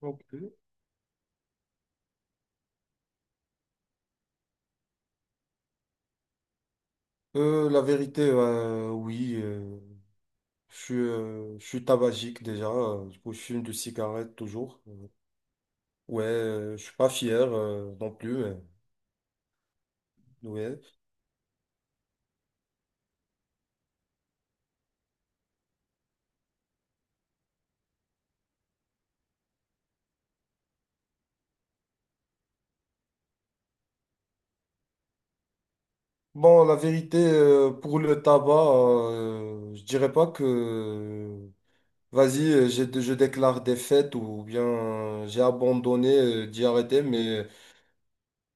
Ok. La vérité, oui, je suis tabagique déjà, du coup, je fume de cigarette toujours. Ouais, je suis pas fier non plus, mais ouais. Bon, la vérité, pour le tabac, je dirais pas que, vas-y, je déclare des fêtes ou bien j'ai abandonné d'y arrêter, mais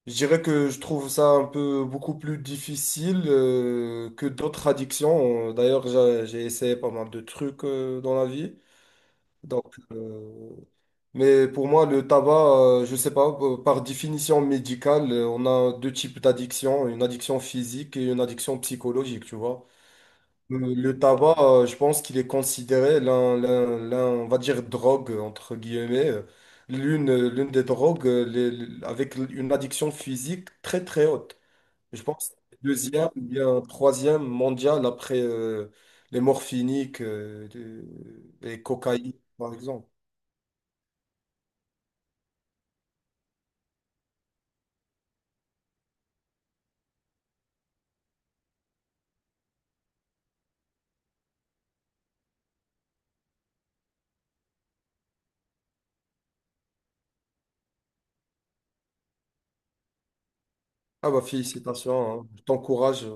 je dirais que je trouve ça un peu beaucoup plus difficile que d'autres addictions. D'ailleurs, j'ai essayé pas mal de trucs dans la vie. Donc, mais pour moi, le tabac, je sais pas, par définition médicale, on a deux types d'addictions, une addiction physique et une addiction psychologique, tu vois. Le tabac, je pense qu'il est considéré l'un, on va dire, drogue, entre guillemets. L'une des drogues avec une addiction physique très haute. Je pense deuxième ou bien troisième mondial après les morphiniques et cocaïne, par exemple. Ah bah félicitations, hein. Je t'encourage.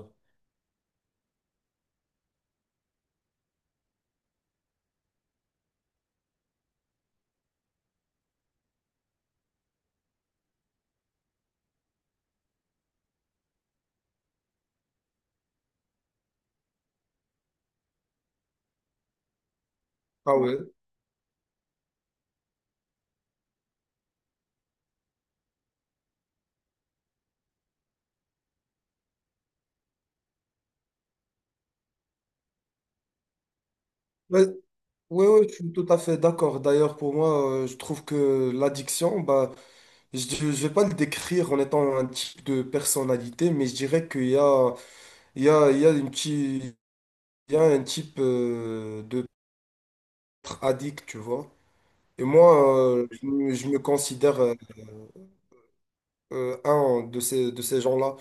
Ah ouais. Ouais, ouais, je suis tout à fait d'accord. D'ailleurs, pour moi, je trouve que l'addiction, bah, je ne vais pas le décrire en étant un type de personnalité, mais je dirais qu'il y a, il y a, il y a une petite, il y a un type de addict, tu vois. Et moi, je me considère un de ces gens-là,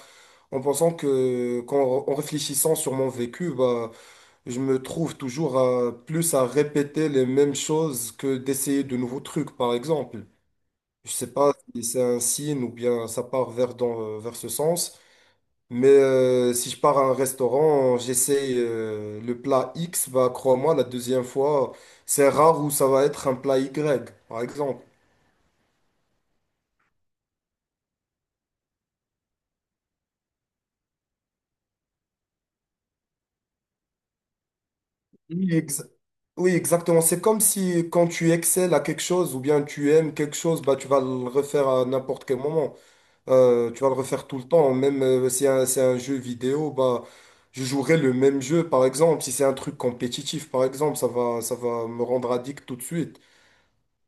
en pensant en réfléchissant sur mon vécu, bah, je me trouve toujours à, plus à répéter les mêmes choses que d'essayer de nouveaux trucs, par exemple. Je sais pas si c'est un signe ou bien ça part vers ce sens, mais si je pars à un restaurant, j'essaye le plat X, bah, crois-moi, la deuxième fois, c'est rare où ça va être un plat Y, par exemple. Oui, exactement. C'est comme si quand tu excelles à quelque chose ou bien tu aimes quelque chose, bah, tu vas le refaire à n'importe quel moment. Tu vas le refaire tout le temps. Même si un- c'est un jeu vidéo, bah, je jouerai le même jeu, par exemple. Si c'est un truc compétitif, par exemple, ça va me rendre addict tout de suite.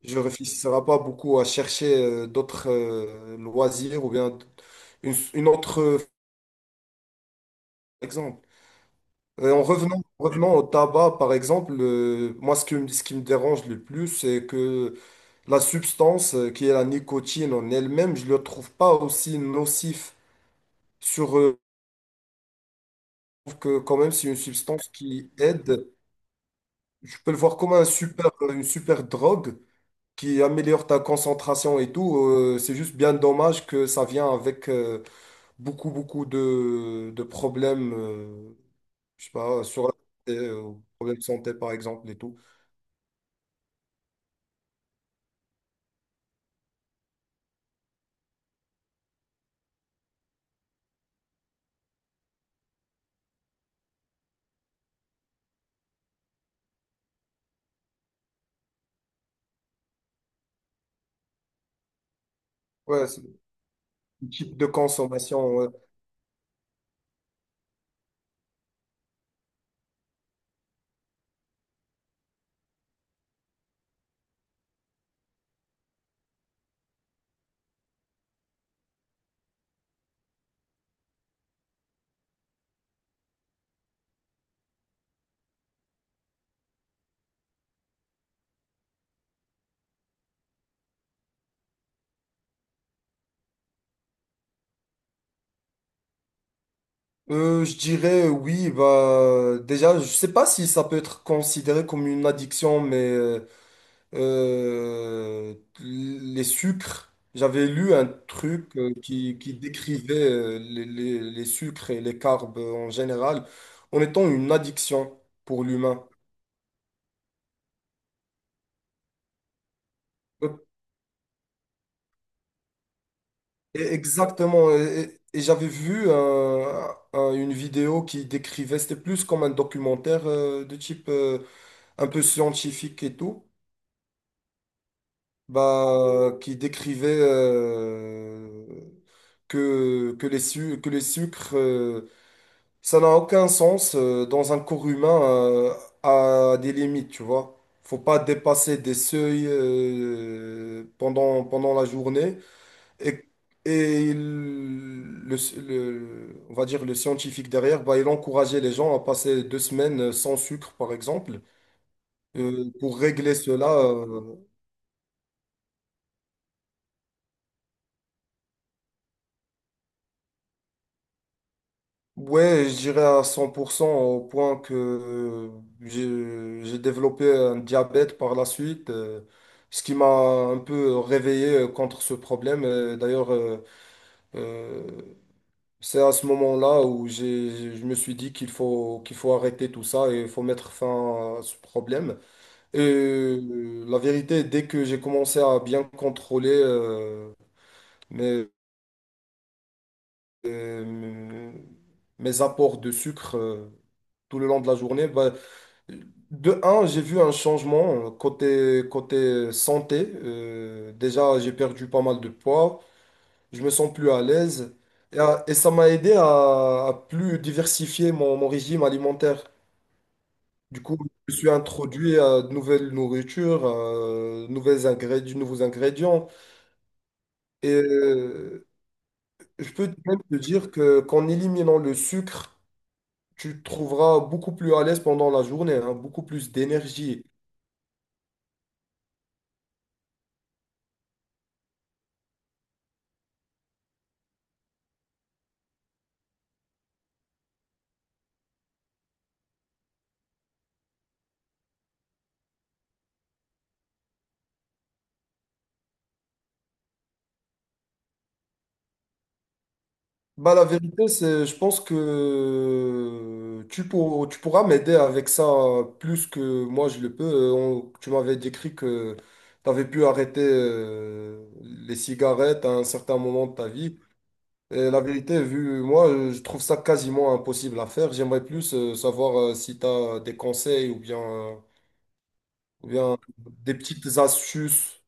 Je réfléchirai pas beaucoup à chercher d'autres loisirs ou bien une autre, par exemple. Revenant au tabac, par exemple, moi, ce qui me dérange le plus, c'est que la substance qui est la nicotine en elle-même, je ne le trouve pas aussi nocif sur je trouve que quand même c'est une substance qui aide. Je peux le voir comme une super drogue qui améliore ta concentration et tout. C'est juste bien dommage que ça vient avec de problèmes, je sais pas, sur la santé, problèmes de santé par exemple et tout. Ouais, c'est le type de consommation. Ouais. Je dirais oui, bah déjà, je sais pas si ça peut être considéré comme une addiction, mais les sucres, j'avais lu un truc qui décrivait les sucres et les carbs en général en étant une addiction pour l'humain. Et exactement. Et j'avais vu une vidéo qui décrivait, c'était plus comme un documentaire de type un peu scientifique et tout. Bah, qui décrivait que que les sucres, ça n'a aucun sens dans un corps humain à des limites, tu vois. Faut pas dépasser des seuils pendant la journée. Et, et il- le, on va dire le scientifique derrière, bah, il encourageait les gens à passer 2 semaines sans sucre, par exemple, pour régler cela. Ouais, je dirais à 100% au point que j'ai développé un diabète par la suite, ce qui m'a un peu réveillé contre ce problème. D'ailleurs, euh, c'est à ce moment-là où je me suis dit qu'il faut arrêter tout ça et il faut mettre fin à ce problème. Et la vérité, dès que j'ai commencé à bien contrôler mes, euh, mes apports de sucre tout le long de la journée, bah, de un, j'ai vu un changement côté santé. Déjà, j'ai perdu pas mal de poids. Je me sens plus à l'aise. Et ça m'a aidé à plus diversifier mon régime alimentaire. Du coup, je me suis introduit à de nouvelles nourritures, à de nouvelles ingrédients, de nouveaux ingrédients. Et je peux même te dire qu'en éliminant le sucre, tu te trouveras beaucoup plus à l'aise pendant la journée, hein, beaucoup plus d'énergie. Bah, la vérité, je pense que tu pourras m'aider avec ça plus que moi je le peux. Tu m'avais décrit que tu avais pu arrêter les cigarettes à un certain moment de ta vie. Et la vérité, vu moi, je trouve ça quasiment impossible à faire. J'aimerais plus savoir si tu as des conseils ou bien des petites astuces.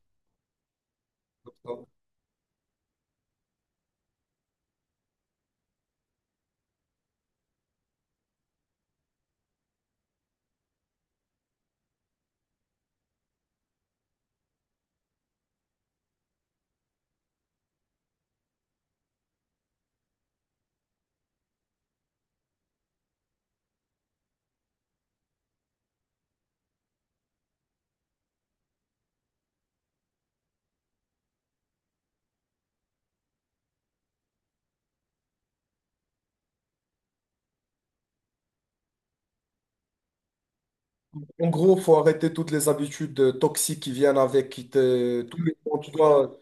En gros, faut arrêter toutes les habitudes toxiques qui viennent avec, qui te, tous les- temps, tu dois-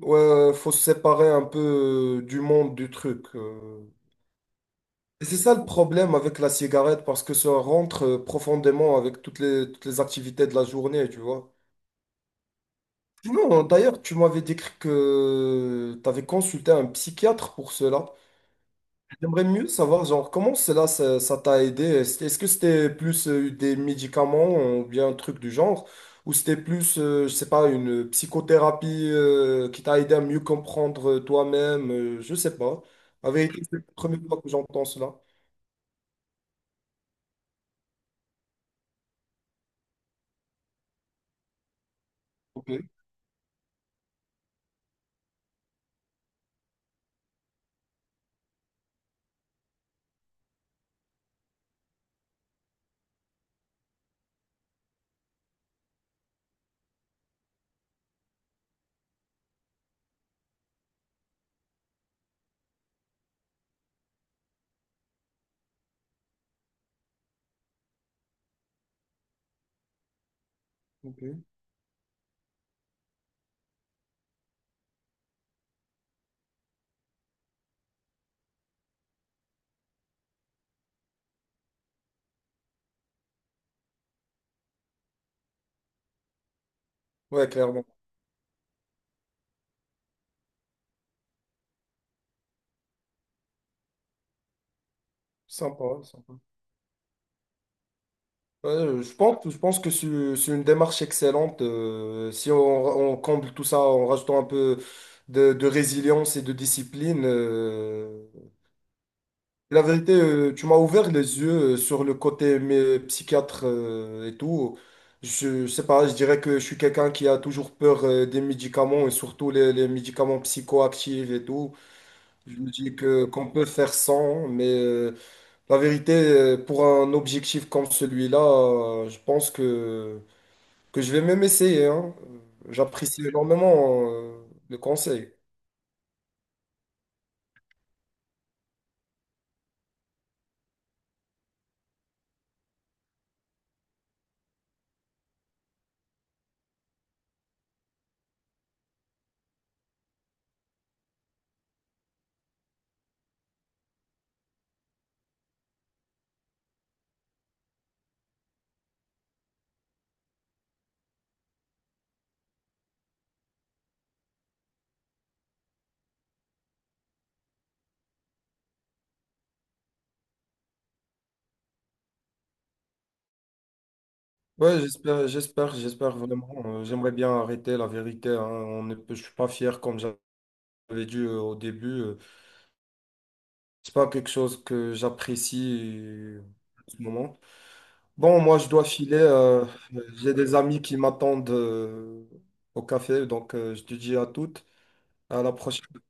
Ouais, ouais, faut se séparer un peu du monde du truc. Et c'est ça le problème avec la cigarette, parce que ça rentre profondément avec toutes les activités de la journée, tu vois. Non, d'ailleurs, tu m'avais décrit que tu avais consulté un psychiatre pour cela. J'aimerais mieux savoir, genre, comment ça t'a aidé? Est-ce que c'était plus des médicaments ou bien un truc du genre? Ou c'était plus, je sais pas, une psychothérapie qui t'a aidé à mieux comprendre toi-même? Je sais pas. La vérité, c'est la première fois que j'entends cela. Ok, ok. Ouais, clairement. Sympa, sympa. Ouais, je pense que c'est une démarche excellente. Si on comble tout ça en rajoutant un peu de résilience et de discipline, et la vérité, tu m'as ouvert les yeux sur le côté mais, psychiatre et tout. Je sais pas, je dirais que je suis quelqu'un qui a toujours peur des médicaments et surtout les médicaments psychoactifs et tout. Je me dis que qu'on peut faire sans, mais la vérité, pour un objectif comme celui-là, je pense que je vais même essayer, hein. J'apprécie énormément le conseil. Ouais, j'espère vraiment. J'aimerais bien arrêter la vérité. Hein. On ne peut- je suis pas fier comme j'avais dit au début. C'est pas quelque chose que j'apprécie en ce moment. Bon, moi, je dois filer. J'ai des amis qui m'attendent au café, donc je te dis à toutes. À la prochaine.